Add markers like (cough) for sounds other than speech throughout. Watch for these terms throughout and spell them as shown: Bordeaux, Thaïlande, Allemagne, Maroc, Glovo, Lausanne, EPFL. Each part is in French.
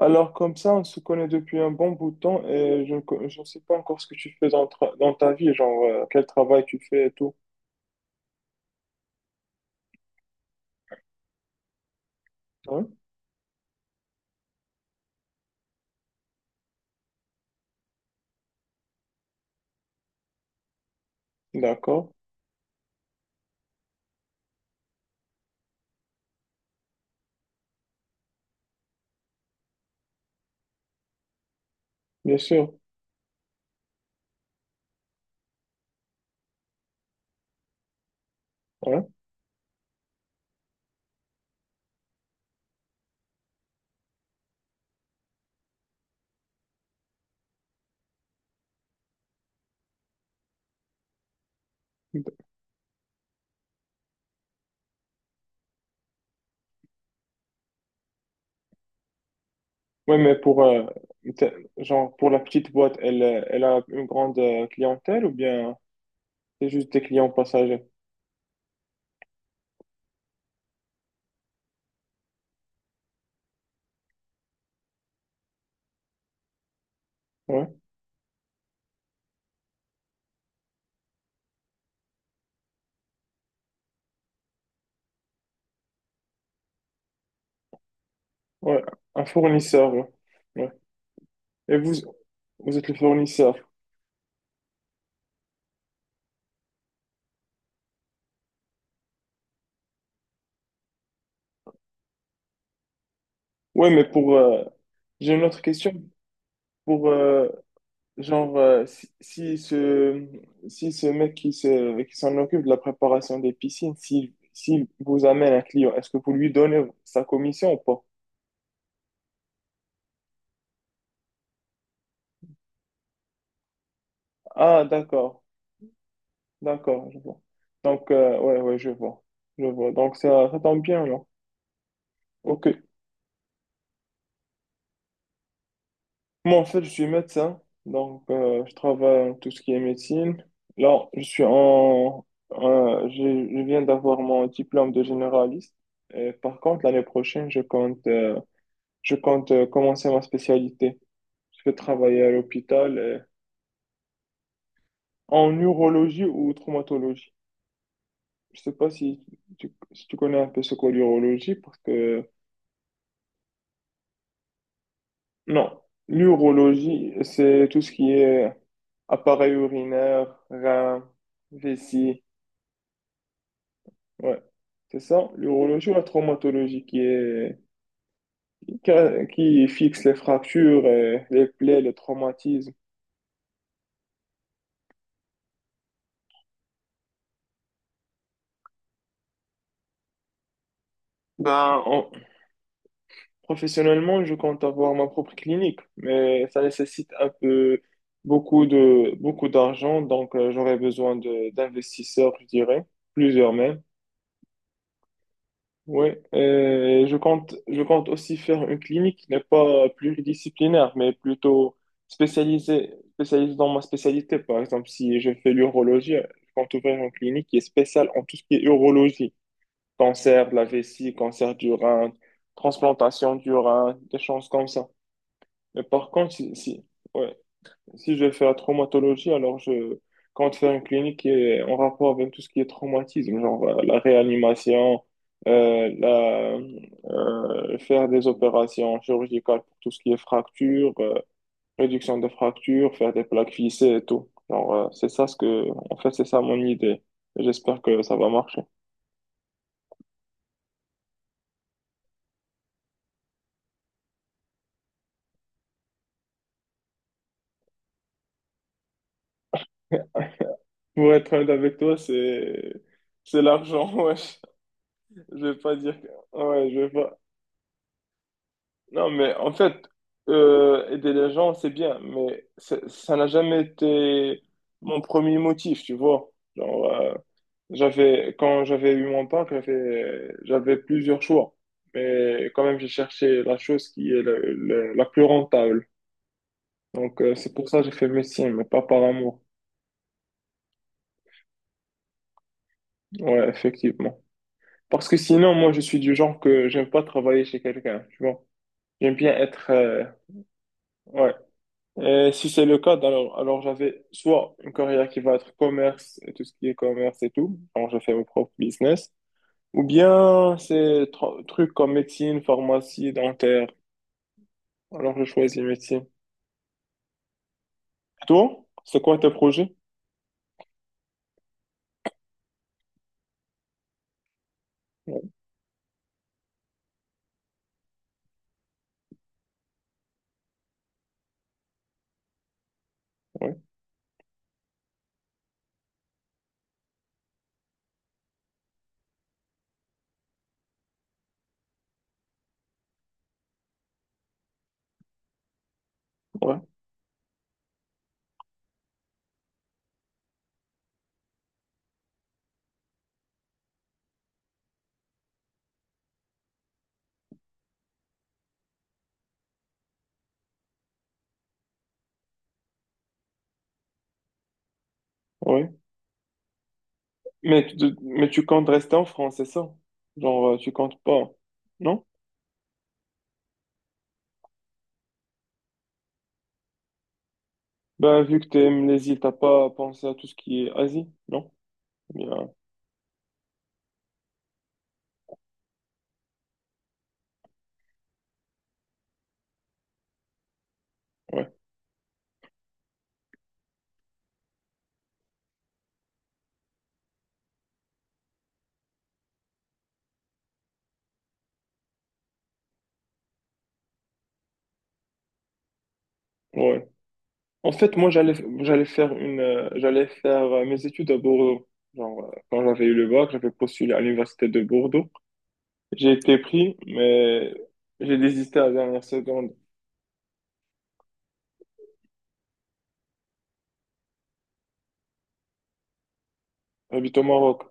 Alors comme ça, on se connaît depuis un bon bout de temps et je ne sais pas encore ce que tu fais dans ta vie, genre quel travail tu fais et tout. Ouais, d'accord, bien sûr. Ouais, ouais, mais t'es- genre, pour la petite boîte, elle a une grande clientèle, ou bien c'est juste des clients passagers? Ouais, ouais, un fournisseur. Ouais. Ouais. Et vous, vous êtes le fournisseur. Ouais, mais j'ai une autre question. Pour, euh, Genre, si ce mec qui s'en occupe de la préparation des piscines, s'il vous amène un client, est-ce que vous lui donnez sa commission ou pas? Ah, d'accord, d'accord, je vois. Donc, ouais, ouais, je vois. Je vois. Donc, ça tombe bien, là. OK. Moi, en fait, je suis médecin. Donc, je travaille en tout ce qui est médecine. Là, je suis en, je viens d'avoir mon diplôme de généraliste. Et par contre, l'année prochaine, je compte commencer ma spécialité. Je vais travailler à l'hôpital en neurologie ou traumatologie. Je sais pas si tu connais un peu ce qu'est l'urologie, parce que non, l'urologie, c'est tout ce qui est appareil urinaire, rein, vessie. Ouais. C'est ça, l'urologie, ou la traumatologie qui qui, qui fixe les fractures, les plaies, les traumatismes. Ben, on, Professionnellement, je compte avoir ma propre clinique, mais ça nécessite un peu beaucoup d'argent, donc j'aurais besoin de d'investisseurs, je dirais, plusieurs même. Oui, je compte aussi faire une clinique qui n'est pas pluridisciplinaire, mais plutôt spécialisée dans ma spécialité. Par exemple, si je fais l'urologie, je compte ouvrir une clinique qui est spéciale en tout ce qui est urologie, cancer de la vessie, cancer du rein, transplantation du rein, des choses comme ça. Mais par contre, si, si, ouais, si je vais faire la traumatologie, alors je compte faire une clinique qui est en rapport avec tout ce qui est traumatisme, genre la réanimation, euh, la, faire des opérations chirurgicales pour tout ce qui est fracture, réduction des fractures, faire des plaques lissées et tout. Alors, c'est ça ce que, en fait, c'est ça mon idée. Et j'espère que ça va marcher. Pour être honnête avec toi, c'est l'argent, (laughs) wesh. Je vais pas dire que, ouais, je vais pas, Non, mais en fait, aider les gens, c'est bien, mais ça n'a jamais été mon premier motif, tu vois. Genre, quand j'avais eu mon bac, j'avais plusieurs choix, mais quand même, j'ai cherché la chose qui est la plus rentable. Donc, c'est pour ça que j'ai fait médecine, mais pas par amour. Ouais, effectivement. Parce que sinon, moi, je suis du genre que j'aime pas travailler chez quelqu'un, tu vois. J'aime bien être, ouais. Et si c'est le cas, alors j'avais soit une carrière qui va être commerce et tout ce qui est commerce et tout, alors je fais mon propre business, ou bien c'est trucs comme médecine, pharmacie, dentaire, alors je choisis médecine. Et toi, c'est quoi tes projets? Ouais, ouais, ouais. Ouais. Mais, tu mais tu comptes rester en France, c'est ça? Genre, tu comptes pas, non? Ben, vu que tu aimes les îles, t'as pas pensé à tout ce qui est Asie, non? Bien. Ouais. Ouais. En fait, moi, j'allais faire mes études à Bordeaux. Genre, quand j'avais eu le bac, j'avais postulé à l'université de Bordeaux. J'ai été pris, mais j'ai désisté à la dernière seconde. J'habite au Maroc.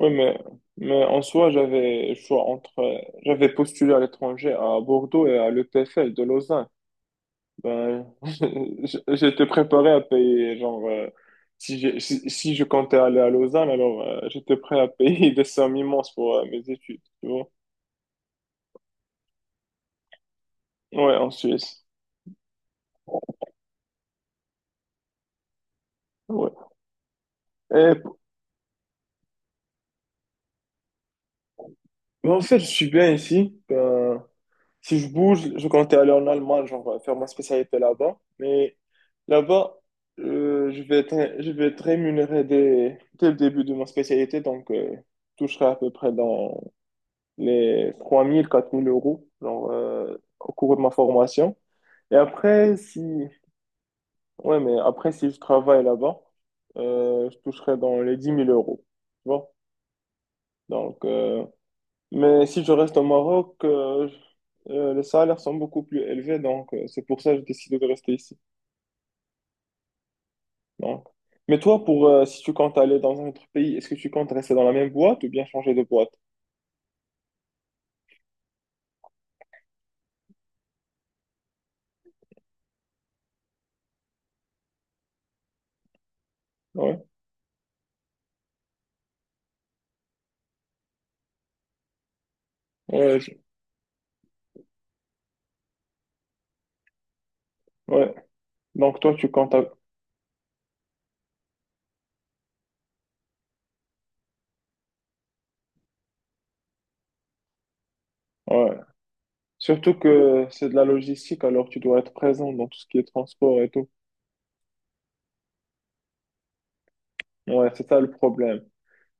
Oui, mais en soi, j'avais le choix entre. J'avais postulé à l'étranger, à Bordeaux et à l'EPFL de Lausanne. Ben, (laughs) j'étais préparé à payer, genre, si, j'ai- si, si je comptais aller à Lausanne, alors j'étais prêt à payer (laughs) des sommes immenses pour mes études, tu vois. Ouais, en Suisse. Ouais. Et, mais en fait, je suis bien ici. Ben, si je bouge, je comptais aller en Allemagne, genre faire ma spécialité là-bas. Mais là-bas, je vais être rémunéré dès le début de ma spécialité, donc je toucherai à peu près dans les 3 000, 4 000 euros, genre, au cours de ma formation. Et après, si, ouais, mais après, si je travaille là-bas, je toucherai dans les 10 000 euros. Tu vois? Donc, mais si je reste au Maroc, les salaires sont beaucoup plus élevés, donc c'est pour ça que j'ai décidé de rester ici. Donc. Mais toi, pour si tu comptes aller dans un autre pays, est-ce que tu comptes rester dans la même boîte ou bien changer de boîte? Ouais, ouais, ouais. Donc toi, tu comptes. Ouais. Surtout que c'est de la logistique, alors tu dois être présent dans tout ce qui est transport et tout. Ouais, c'est ça le problème.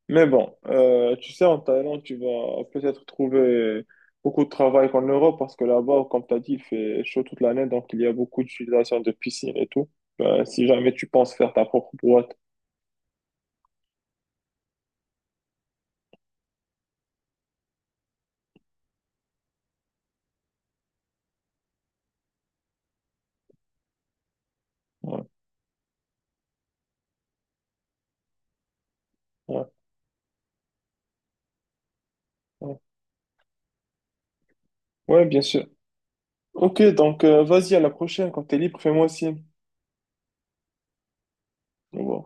Mais bon, tu sais, en Thaïlande, tu vas peut-être trouver beaucoup de travail qu'en Europe, parce que là-bas, comme tu as dit, il fait chaud toute l'année, donc il y a beaucoup d'utilisation de piscines et tout. Ben, si jamais tu penses faire ta propre boîte. Ouais, ouais, ouais. Ouais, bien sûr. Ok, donc vas-y, à la prochaine, quand tu es libre, fais-moi signe. Au revoir.